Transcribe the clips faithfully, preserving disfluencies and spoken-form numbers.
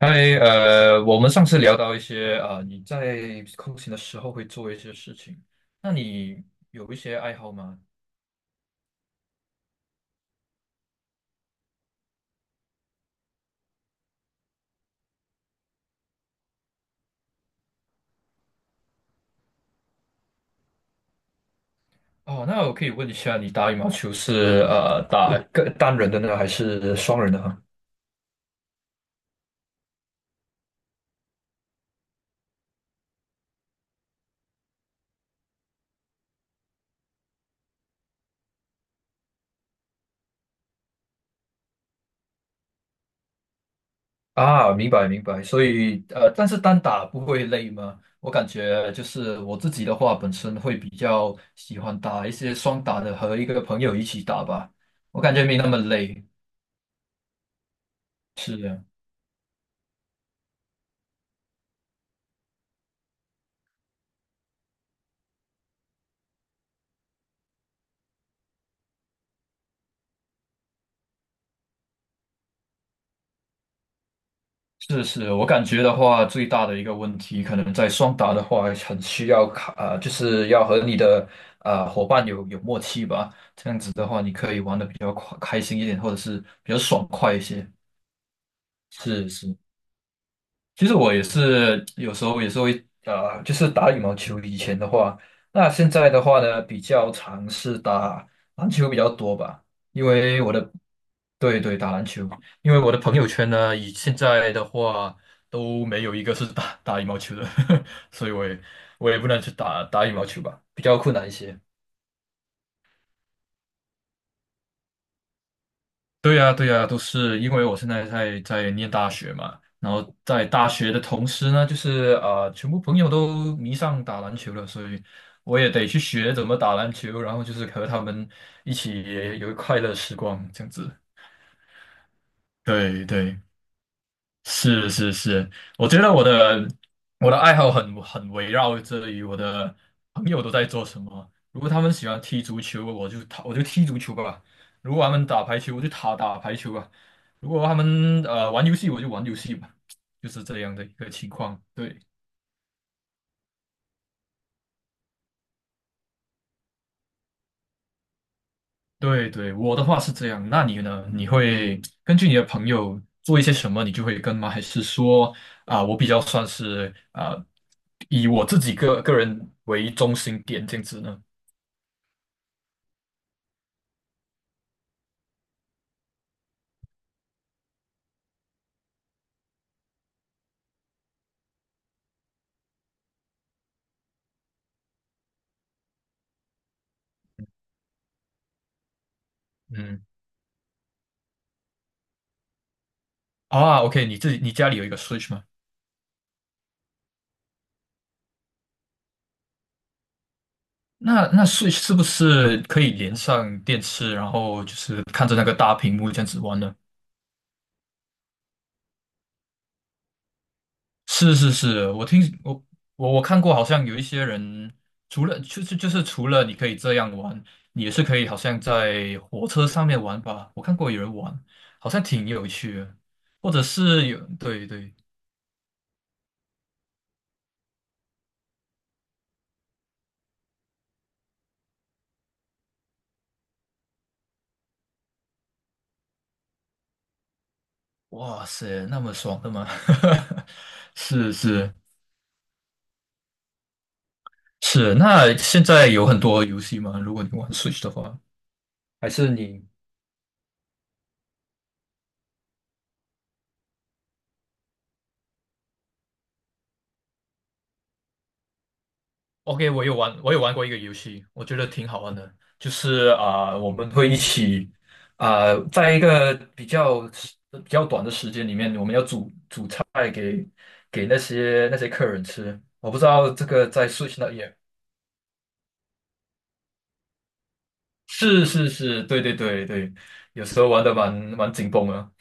嗨，呃，我们上次聊到一些啊、呃你在空闲的时候会做一些事情，那你有一些爱好吗？哦，那我可以问一下，你打羽毛球是呃打个单人的呢，还是双人的哈？啊，明白明白，所以呃，但是单打不会累吗？我感觉就是我自己的话，本身会比较喜欢打一些双打的，和一个朋友一起打吧，我感觉没那么累。是的。是是，我感觉的话，最大的一个问题，可能在双打的话，很需要卡，呃，就是要和你的呃伙伴有有默契吧。这样子的话，你可以玩的比较快开心一点，或者是比较爽快一些。是是。其实我也是有时候也是会呃，就是打羽毛球。以前的话，那现在的话呢，比较尝试打篮球比较多吧，因为我的，对对，打篮球，因为我的朋友圈呢，以现在的话都没有一个是打打羽毛球的，所以我也我也不能去打打羽毛球吧，比较困难一些。对呀，对呀，都是因为我现在在在念大学嘛，然后在大学的同时呢，就是啊、呃全部朋友都迷上打篮球了，所以我也得去学怎么打篮球，然后就是和他们一起有快乐时光这样子。对对。是是是，我觉得我的我的爱好很很围绕着于我的朋友都在做什么。如果他们喜欢踢足球，我就他我就踢足球吧；如果他们打排球，我就打打排球吧；如果他们呃玩游戏，我就玩游戏吧。就是这样的一个情况，对。对对，我的话是这样。那你呢？你会根据你的朋友做一些什么，你就会跟吗？还是说啊、我比较算是啊、以我自己个个人为中心点这样子呢？嗯，啊，OK，你自己你家里有一个 Switch 吗？那那 Switch 是不是可以连上电视，然后就是看着那个大屏幕这样子玩呢？是是是，我听我我我看过，好像有一些人，除了就是就是除了你可以这样玩，你也是可以好像在火车上面玩吧。我看过有人玩，好像挺有趣的，或者是有对对，哇塞，那么爽的吗？是是是，那现在有很多游戏吗？如果你玩 Switch 的话，还是你？OK，我有玩，我有玩过一个游戏，我觉得挺好玩的，就是啊、我们会一起啊、在一个比较比较短的时间里面，我们要煮菜给给那些那些客人吃。我不知道这个在 Switch 那也是是是，对对对对，有时候玩的蛮蛮紧绷的。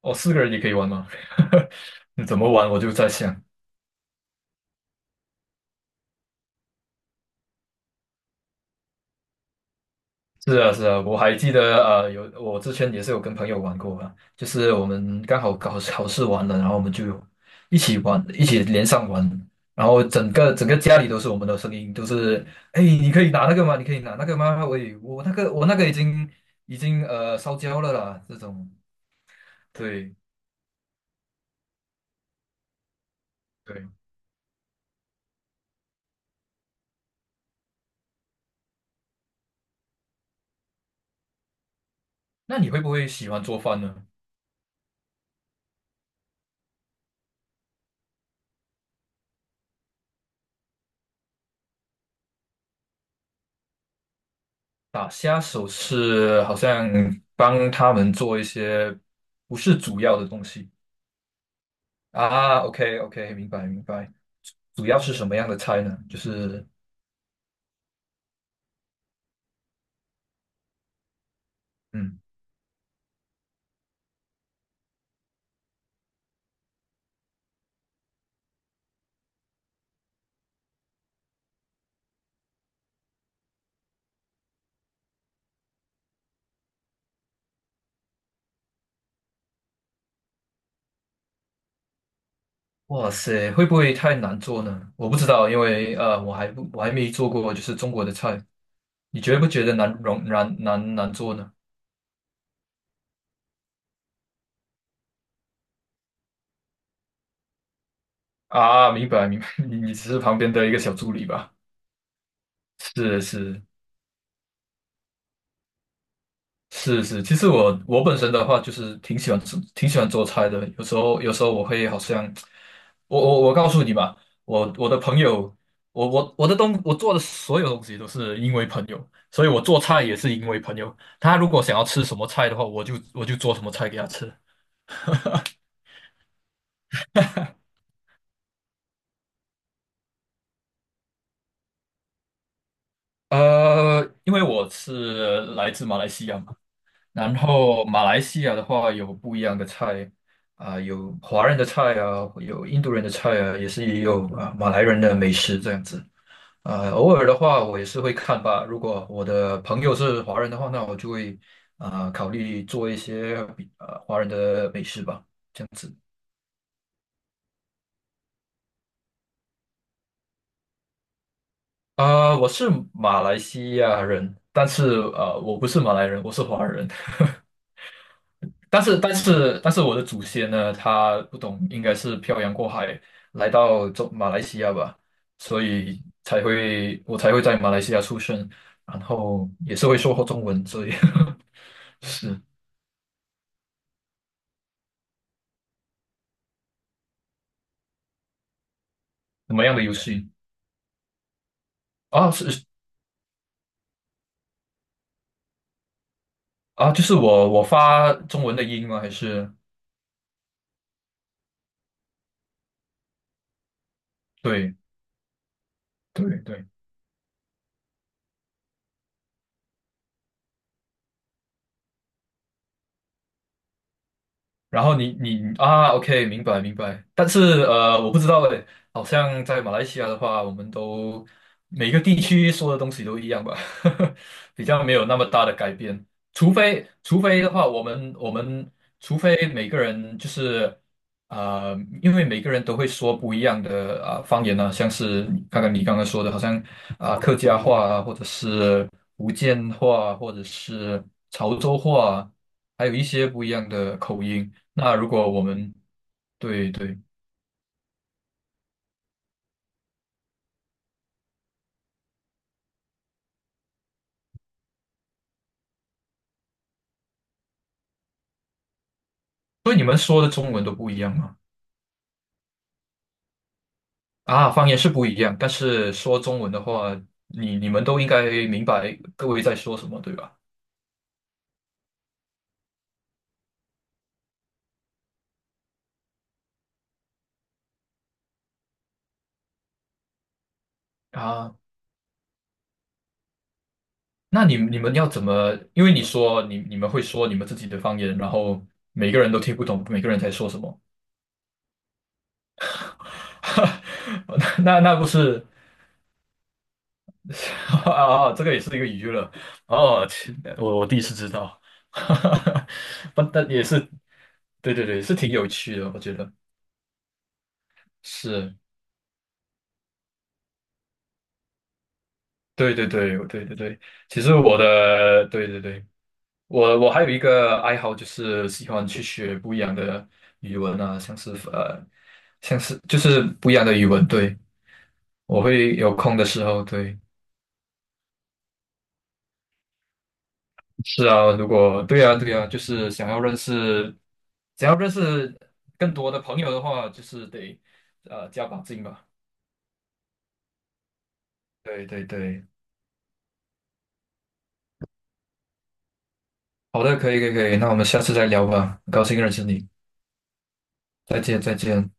哦，四个人也可以玩吗？你怎么玩？我就在想。是啊，是啊，我还记得，呃，有我之前也是有跟朋友玩过啊，就是我们刚好考考试完了，然后我们就一起玩，一起连上玩，然后整个整个家里都是我们的声音，都是，哎，你可以拿那个吗？你可以拿那个吗？我我那个我那个已经已经呃烧焦了啦，这种，对对。那你会不会喜欢做饭呢？打下手是好像帮他们做一些不是主要的东西啊，OK OK，明白明白。主要是什么样的菜呢？就是，嗯，哇塞，会不会太难做呢？我不知道，因为呃，我还不我还没做过，就是中国的菜。你觉不觉得难容难难难做呢？啊，明白明白，你你只是旁边的一个小助理吧？是是，是是，其实我我本身的话就是挺喜欢吃、挺喜欢做菜的，有时候有时候我会好像，我我我告诉你吧，我我的朋友，我我我的东我做的所有东西都是因为朋友，所以我做菜也是因为朋友。他如果想要吃什么菜的话，我就我就做什么菜给他吃。呃，因为我是来自马来西亚嘛，然后马来西亚的话有不一样的菜啊、有华人的菜啊，有印度人的菜啊，也是也有啊、马来人的美食这样子。啊、偶尔的话我也是会看吧。如果我的朋友是华人的话，那我就会啊、考虑做一些比呃华人的美食吧，这样子。啊、我是马来西亚人，但是呃我不是马来人，我是华人。但是但是但是我的祖先呢，他不懂，应该是漂洋过海来到中马来西亚吧，所以才会我才会在马来西亚出生，然后也是会说中文，所以 是怎么样的游戏啊？是啊，就是我我发中文的音吗？还是对对对。然后你你啊，OK，明白明白。但是呃，我不知道诶，好像在马来西亚的话，我们都每个地区说的东西都一样吧，比较没有那么大的改变。除非除非的话，我们我们除非每个人就是呃，因为每个人都会说不一样的啊、方言啊，像是刚刚你刚刚说的，好像啊、客家话啊，或者是福建话，或者是潮州话啊还有一些不一样的口音。那如果我们，对对，所以你们说的中文都不一样吗？啊，方言是不一样，但是说中文的话，你你们都应该明白各位在说什么，对吧？啊，那你你们要怎么？因为你说你你们会说你们自己的方言，然后每个人都听不懂，每个人在说什么，那那不是 啊？这个也是一个娱乐哦，切，我我第一次知道，不，但也是，对对对，是挺有趣的，我觉得是。对对对，对对对，其实我的，对对对，我我还有一个爱好，就是喜欢去学不一样的语文啊，像是呃，像是就是不一样的语文，对，我会有空的时候，对，是啊，如果对啊对啊，就是想要认识想要认识更多的朋友的话，就是得呃加把劲吧，对对对，好的，可以可以可以，那我们下次再聊吧，很高兴认识你，再见再见。